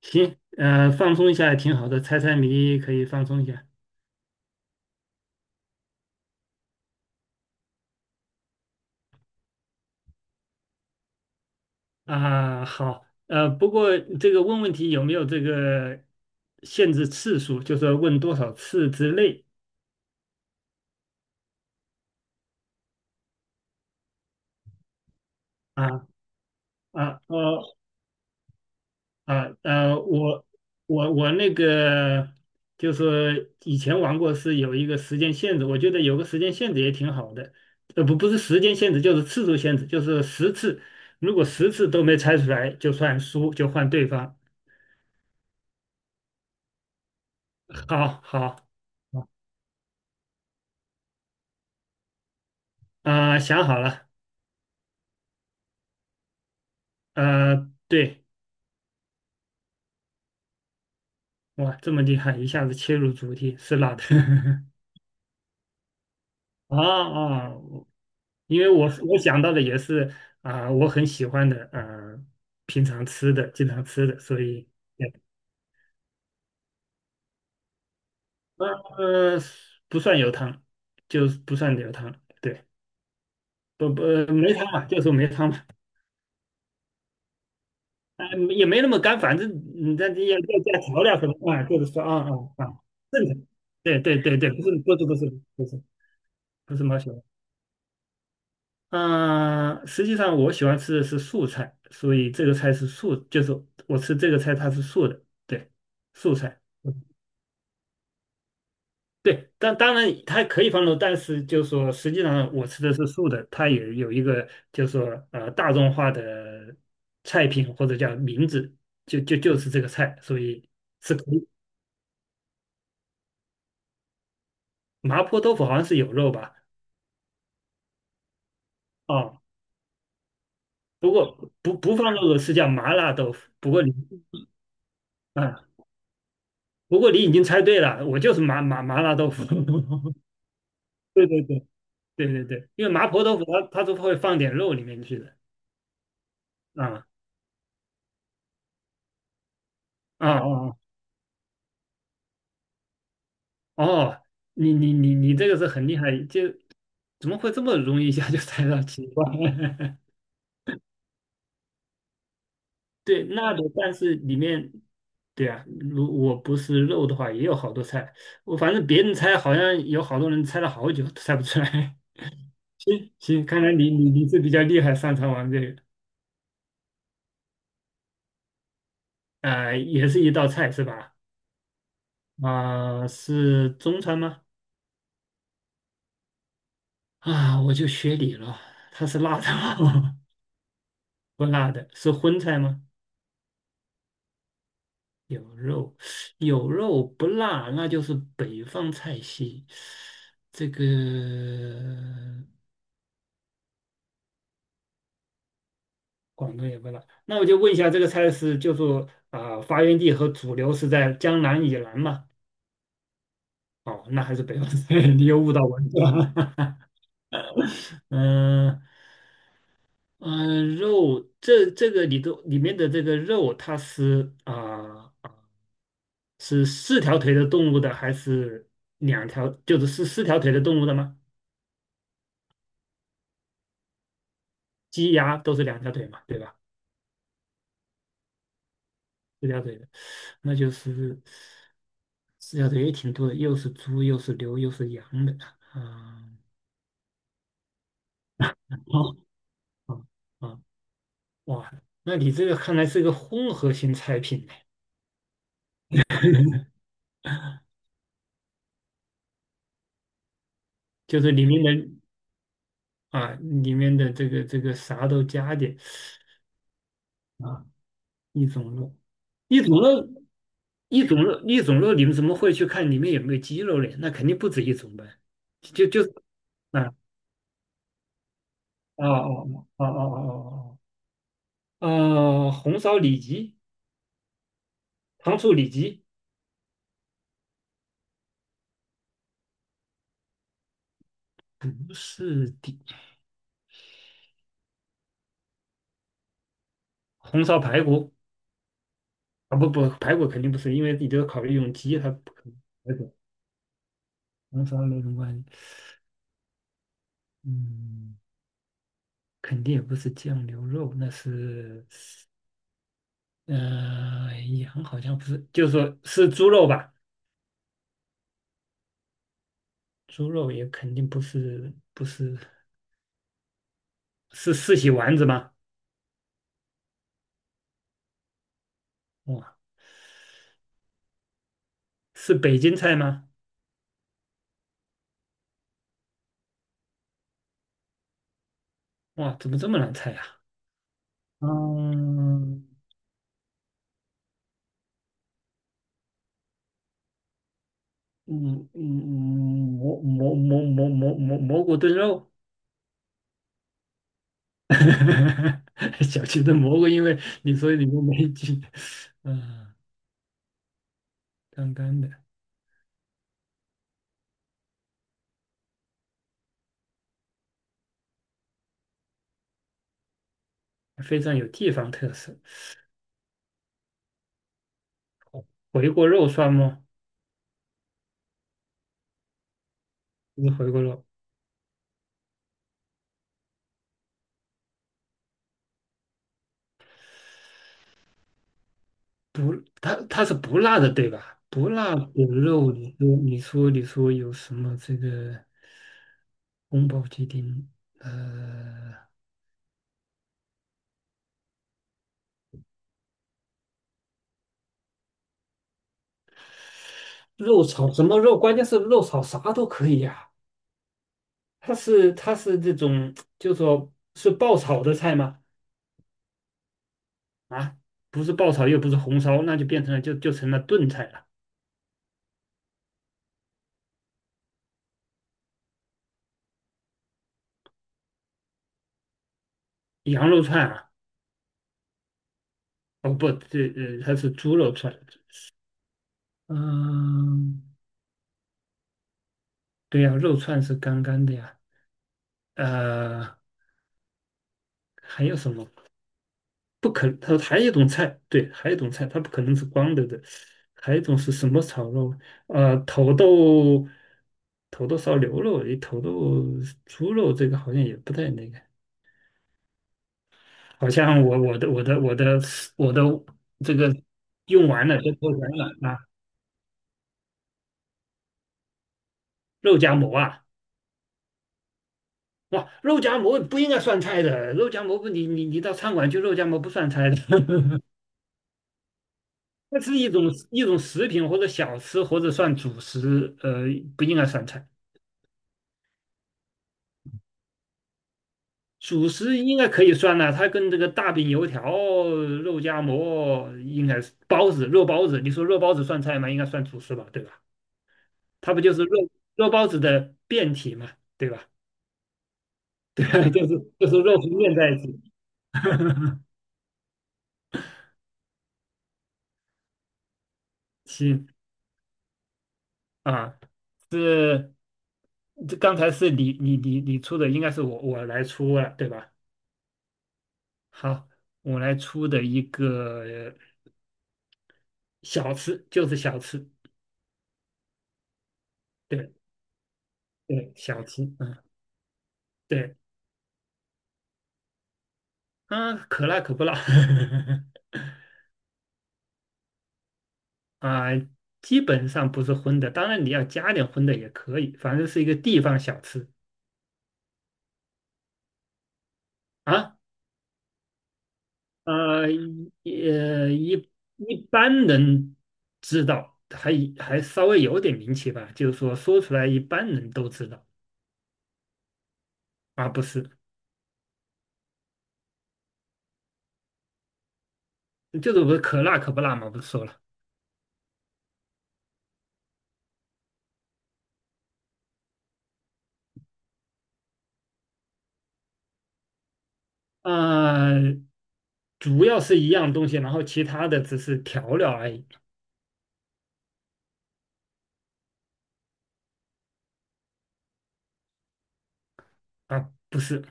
行，放松一下也挺好的，猜猜谜可以放松一下。啊。好，不过这个问问题有没有这个限制次数，就是说问多少次之内。啊啊呃啊呃，我我那个就是以前玩过是有一个时间限制，我觉得有个时间限制也挺好的。不是时间限制，就是次数限制，就是十次，如果十次都没猜出来就算输，就换对方。好好。啊、想好了。对。哇，这么厉害，一下子切入主题，是辣的。啊我因为我想到的也是。啊、我很喜欢的，平常吃的，经常吃的，所以。对，呃，不算有汤，就是不算有汤，对，不不没汤嘛，就说没汤嘛。啊、也没那么干，反正你这要加调料什么啊，就是说啊，正常，对对对对，不是不是不是不是不是嗯，实际上我喜欢吃的是素菜，所以这个菜是素，就是我吃这个菜它是素的，对，素菜。对，但当然它可以放肉，但是就是说实际上我吃的是素的，它也有一个就是说大众化的菜品或者叫名字，就是这个菜，所以是可以。麻婆豆腐好像是有肉吧？哦，不过不放肉的是叫麻辣豆腐，不过你。啊。不过你已经猜对了，我就是麻辣豆腐。对对对对对对，因为麻婆豆腐它都会放点肉里面去的。啊啊啊啊哦，你这个是很厉害，就怎么会这么容易一下就猜到奇怪？对，那的，但是里面，对啊，如我不是肉的话，也有好多菜。我反正别人猜，好像有好多人猜了好久都猜不出来。行行，看来你是比较厉害，擅长玩这个。啊、也是一道菜是吧？啊、是中餐吗？啊，我就学你了，它是辣的吗？不辣的，是荤菜吗？有肉，有肉不辣，那就是北方菜系。这个广东也不辣，那我就问一下，这个菜是就说啊、发源地和主流是在江南以南吗？哦，那还是北方菜，你又误导我了。嗯嗯，肉这个里头里面的这个肉，它是啊、是四条腿的动物的，还是两条？就是四条腿的动物的吗？鸡鸭都是两条腿嘛，对吧？四条腿的，那就是四条腿也挺多的，又是猪，又是牛，又是羊的啊。哦哦哦，哇，那你这个看来是个混合型菜品呢，就是里面的啊，里面的这个啥都加点。一种肉，一种肉，一种肉，一种肉，你们怎么会去看里面有没有鸡肉嘞？那肯定不止一种呗，就就啊。哦哦哦哦哦哦红烧里脊、糖醋里脊不是的，红烧排骨啊不不，排骨肯定不是，因为你都要考虑用鸡，它不可能排骨红烧那种关系。嗯，肯定也不是酱牛肉，那是羊好像不是，就是说是猪肉吧。猪肉也肯定不是是四喜丸子吗？哇，是北京菜吗？哇，怎么这么难猜呀、嗯嗯，蘑菇炖肉。小区的蘑菇，因为你说你面没菌。嗯，干干的，非常有地方特色。回锅肉算吗？不是回锅肉，不，它是不辣的，对吧？不辣的肉，你说有什么这个？宫保鸡丁，呃，肉炒什么肉？关键是肉炒啥都可以呀、它是这种，就说是爆炒的菜吗？啊，不是爆炒，又不是红烧，那就变成了就成了炖菜了。羊肉串啊，哦不，这它是猪肉串。嗯，对呀、肉串是干干的呀。呃，还有什么？不可，它还有一种菜，对，还有一种菜，它不可能是光的，还有一种是什么炒肉？土豆头都烧牛肉，头都猪肉，这个好像也不太那个。好像我的这个用完了都做完了啊。肉夹馍啊，哇，肉夹馍不应该算菜的，肉夹馍不你你你到餐馆去肉夹馍不算菜的。那是一种食品或者小吃或者算主食。不应该算菜。主食应该可以算了，它跟这个大饼、油条、肉夹馍应该是包子、肉包子。你说肉包子算菜吗？应该算主食吧，对吧？它不就是肉包子的变体嘛，对吧？对就是肉和面在一起。行啊，是这刚才是你出的，应该是我来出了，对吧？好，我来出的一个小吃，就是小吃，对对，小吃，嗯，对。啊，可辣可不辣。啊，基本上不是荤的，当然你要加点荤的也可以，反正是一个地方小吃啊。呃，一呃，一一般人知道，还稍微有点名气吧，就是说说出来一般人都知道。啊，不是就是我可辣可不辣嘛，不是说了。啊，主要是一样东西，然后其他的只是调料而已。啊，不是。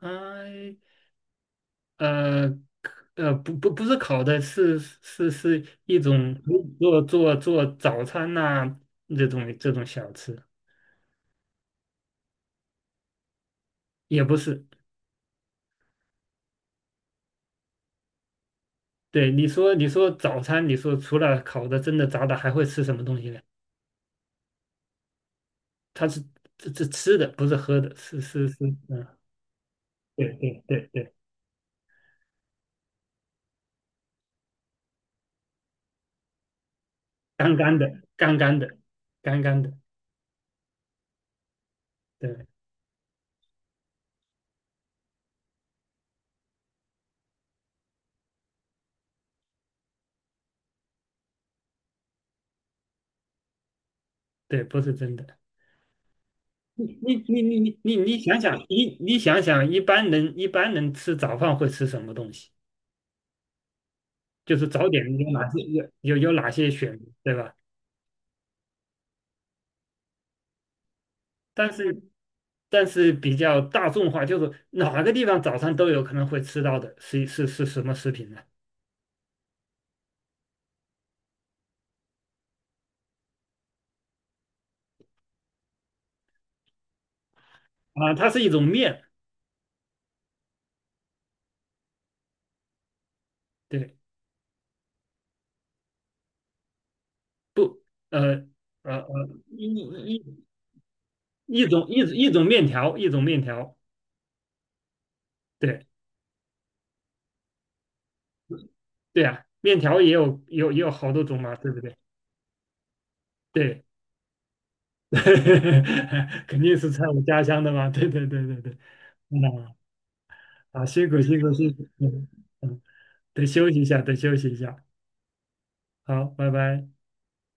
呃呃不是烤的是，是一种做早餐呐、这种小吃，也不是。对，你说早餐，你说除了烤的、蒸的、炸的，还会吃什么东西呢？它是这吃的，不是喝的，是。嗯，对对对对，干干的，干干的，干干的，对对，不是真的。你你你想想，你想想，一般人吃早饭会吃什么东西？就是早点有哪些有有有哪些选，对吧？但是比较大众化，就是哪个地方早餐都有可能会吃到的，是什么食品呢？啊，它是一种面，对，不，呃呃呃，一一一种种面条，一种面条，对对啊，面条也有好多种嘛，对不对？对，肯定是在我家乡的嘛，对对对对对。嗯啊，辛苦辛苦辛苦，嗯嗯，得休息一下，得休息一下。好，拜拜。